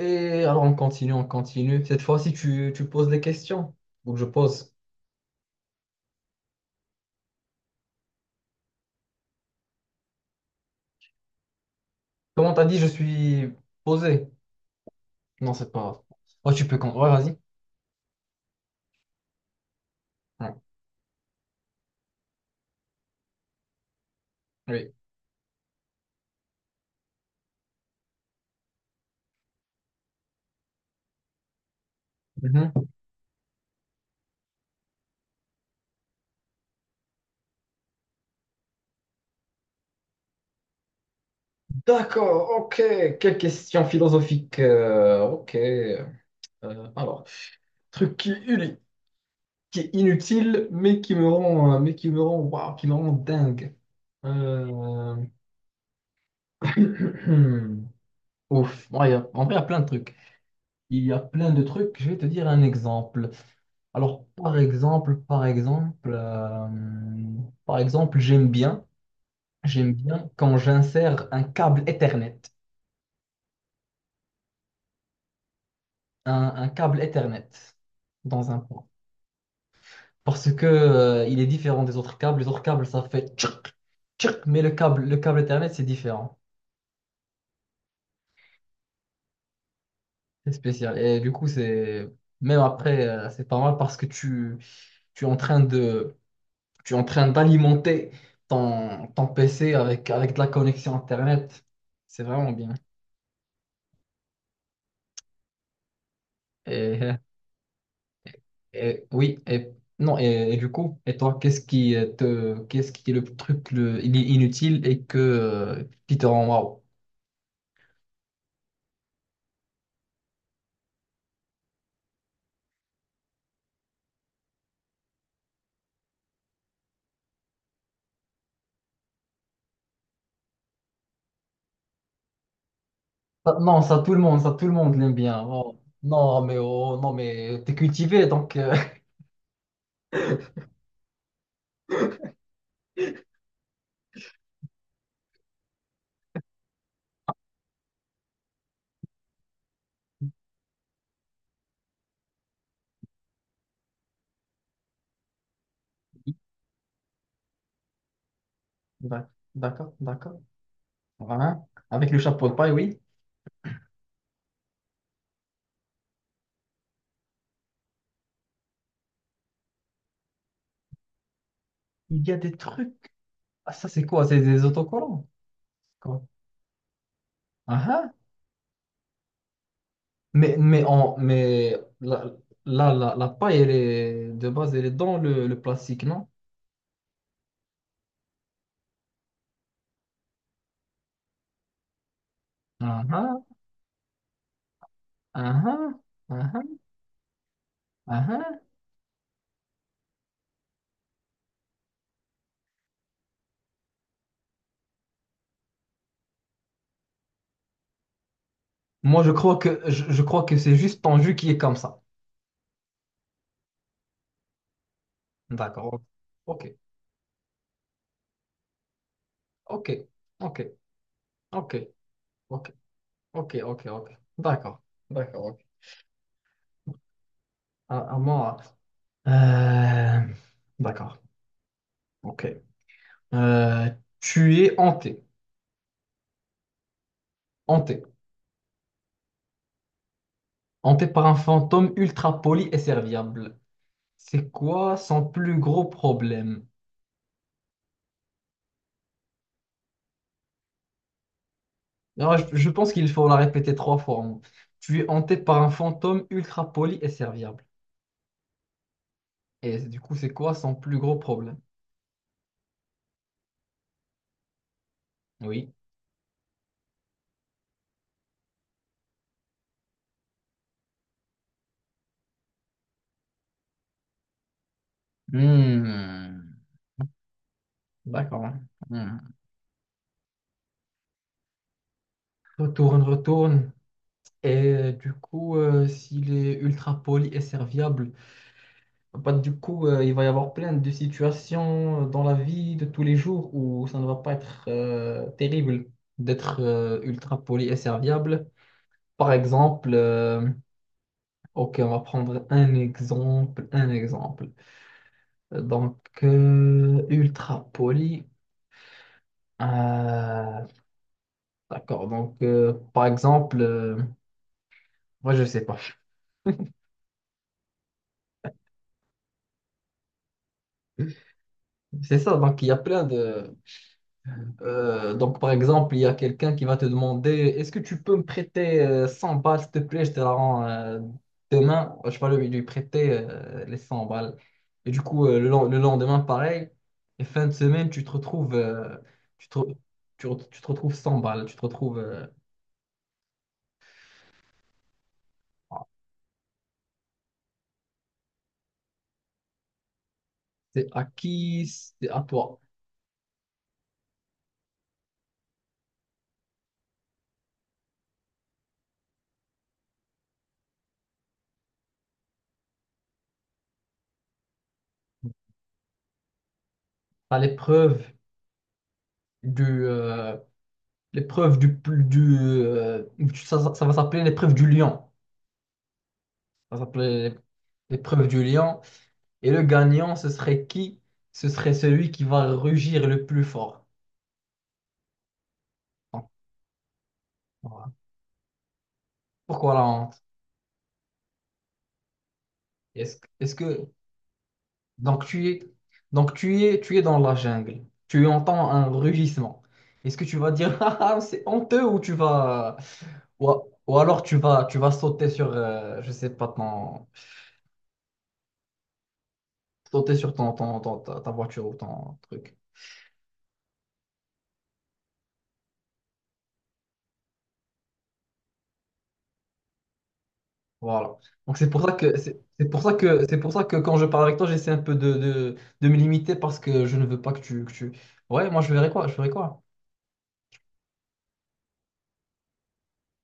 Et alors on continue, on continue. Cette fois-ci, tu poses des questions. Donc je pose. Comment t'as dit, je suis posé? Non, c'est pas grave. Oh, ouais, vas-y. Ouais, oui. Mhm. D'accord, ok. Quelle question philosophique. Ok. Alors, truc qui est inutile, mais qui me rend, mais qui me rend, waouh, qui me rend dingue. Euh, Ouf. Ouais, en vrai, il y a plein de trucs. Il y a plein de trucs. Je vais te dire un exemple. Alors, par exemple, j'aime bien quand j'insère un câble Ethernet, un câble Ethernet dans un port. Parce que, il est différent des autres câbles. Les autres câbles, ça fait tchirk, tchirk, mais le câble Ethernet, c'est différent. C'est spécial. Et du coup, même après, c'est pas mal parce que tu es en train de, tu es en train d'alimenter ton PC avec de la connexion Internet. C'est vraiment bien. Et oui, et non, et du coup, et toi, qu'est-ce qui est le truc il est inutile et que qui te rend waouh? Non, ça tout le monde l'aime bien. Oh, non, mais t'es cultivé donc, d'accord, d'accord. Hein, avec le chapeau de paille, oui. Il y a des trucs. Ah, ça c'est quoi? C'est des autocollants. Quoi? Ah, ah. Mais la paille, elle est, de base, elle est dans le plastique, non? Ah ah, ah ah, ah ah, ah ah. Moi, je crois que c'est juste ton jus qui est comme ça. D'accord. Ok, ok, ok, ok, ok, ok, ok, ok. D'accord, d'accord, ok. À moi. Euh, D'accord, ok. Euh, tu es hanté, hanté, hanté par un fantôme ultra poli et serviable. C'est quoi son plus gros problème? Alors, je pense qu'il faut la répéter trois fois, hein. Tu es hanté par un fantôme ultra poli et serviable. Et du coup, c'est quoi son plus gros problème? Oui. Hmm. D'accord. Hmm. Retourne, retourne. Et du coup, s'il est ultra poli et serviable, bah, du coup, il va y avoir plein de situations dans la vie de tous les jours où ça ne va pas être terrible d'être ultra poli et serviable. Par exemple, ok, on va prendre un exemple, un exemple. Donc, ultra poli. euh, d'accord, donc, par exemple, moi, je sais pas. C'est ça, donc il y a plein de... Donc, par exemple, il y a quelqu'un qui va te demander, est-ce que tu peux me prêter 100 balles, s'il te plaît, je te la rends demain. Je vais lui prêter les 100 balles. Et du coup, le lendemain, pareil, et fin de semaine, tu te, re- tu te retrouves 100 balles. C'est à qui? C'est à toi. T'as l'épreuve du, euh, l'épreuve du, plus- du ça va s'appeler l'épreuve du lion. Ça va s'appeler l'épreuve du lion. Et le gagnant, ce serait qui? Ce serait celui qui va rugir le plus fort. Donc, voilà. Pourquoi la honte? Est-ce que donc tu es tu es dans la jungle. Tu entends un rugissement. Est-ce que tu vas dire ah, ah, c'est honteux ou tu vas ou alors tu vas sauter sur je sais pas ton sauter sur ta voiture ou ton truc. Voilà. Donc c'est pour, ouais, ça que c'est pour ça que c'est pour ça que quand je parle avec toi, j'essaie un peu de, de me limiter parce que je ne veux pas que tu... Ouais, moi je verrai quoi, je verrai quoi.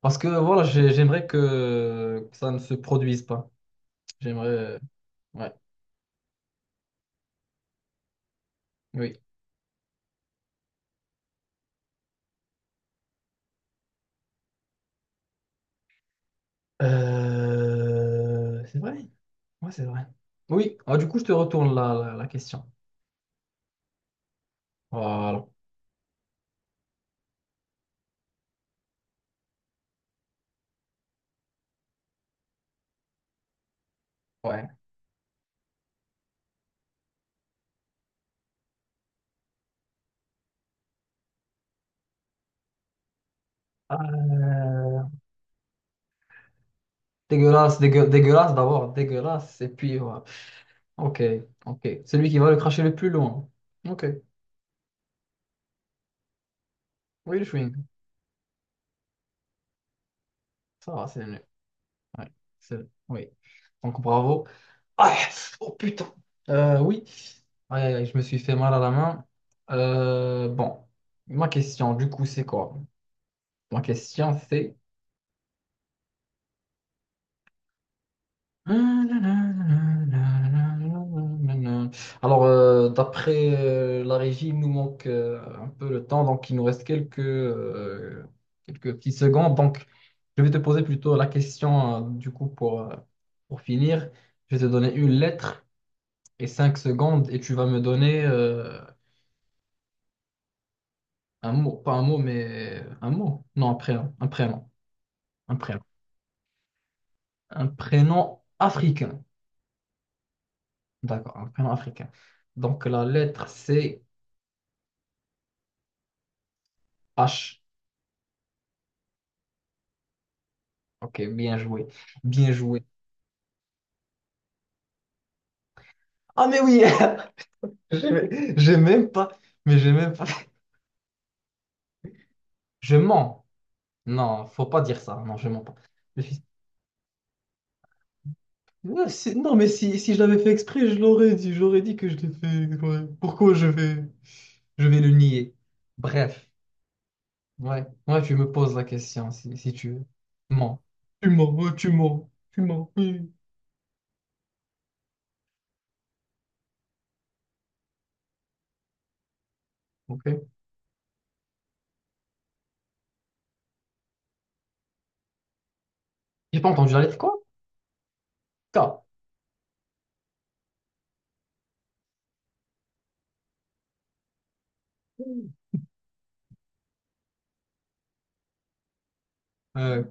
Parce que voilà, j'aimerais que ça ne se produise pas. J'aimerais. Ouais, oui. C'est vrai? Ouais, c'est vrai. Oui. Ah, du coup, je te retourne la question. Voilà. Ouais. Euh, Dégueulasse, dégueulasse d'abord, dégueulasse. Et puis, voilà. Ok, ok. Celui qui va le cracher le plus loin. Ok. Oui, le chewing. Ça va, c'est mieux. Ouais, oui. Donc bravo. Ah, oh putain. Oui. Aïe, aïe, aïe, je me suis fait mal à la main. Bon, ma question, du coup, c'est quoi? Ma question, c'est alors, d'après la régie, il nous manque un peu le temps, donc il nous reste quelques petites secondes. Donc, je vais te poser plutôt la question, du coup, pour finir. Je vais te donner une lettre et 5 secondes, et tu vas me donner un mot, pas un mot, mais un mot. Non, un prénom, un prénom, un prénom. Un prénom africain. D'accord, un prénom africain. Donc, la lettre, c'est H. Ok, bien joué. Bien joué. Ah, mais oui! J'ai même pas. Mais j'ai même pas. Je mens. Non, faut pas dire ça. Non, je mens pas. Je suis- Ouais, non, mais si je l'avais fait exprès, je l'aurais dit. J'aurais dit que je l'ai fait exprès. Pourquoi je vais le nier? Bref. Ouais. Ouais, tu me poses la question si tu veux. Mens. Tu mens. Ouais, tu mens. Tu mens. Oui. Ok. J'ai pas entendu la lettre quoi? K. Euh,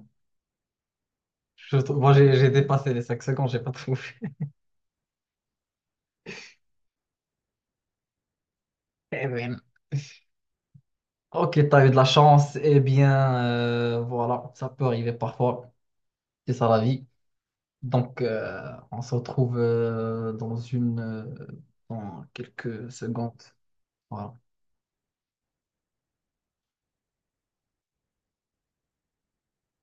Moi, j'ai dépassé les 5 secondes, j'ai pas trouvé. Eh ben, ok, t'as eu de la chance. Eh bien, voilà, ça peut arriver parfois. C'est ça la vie. Donc, on se retrouve dans quelques secondes. Voilà.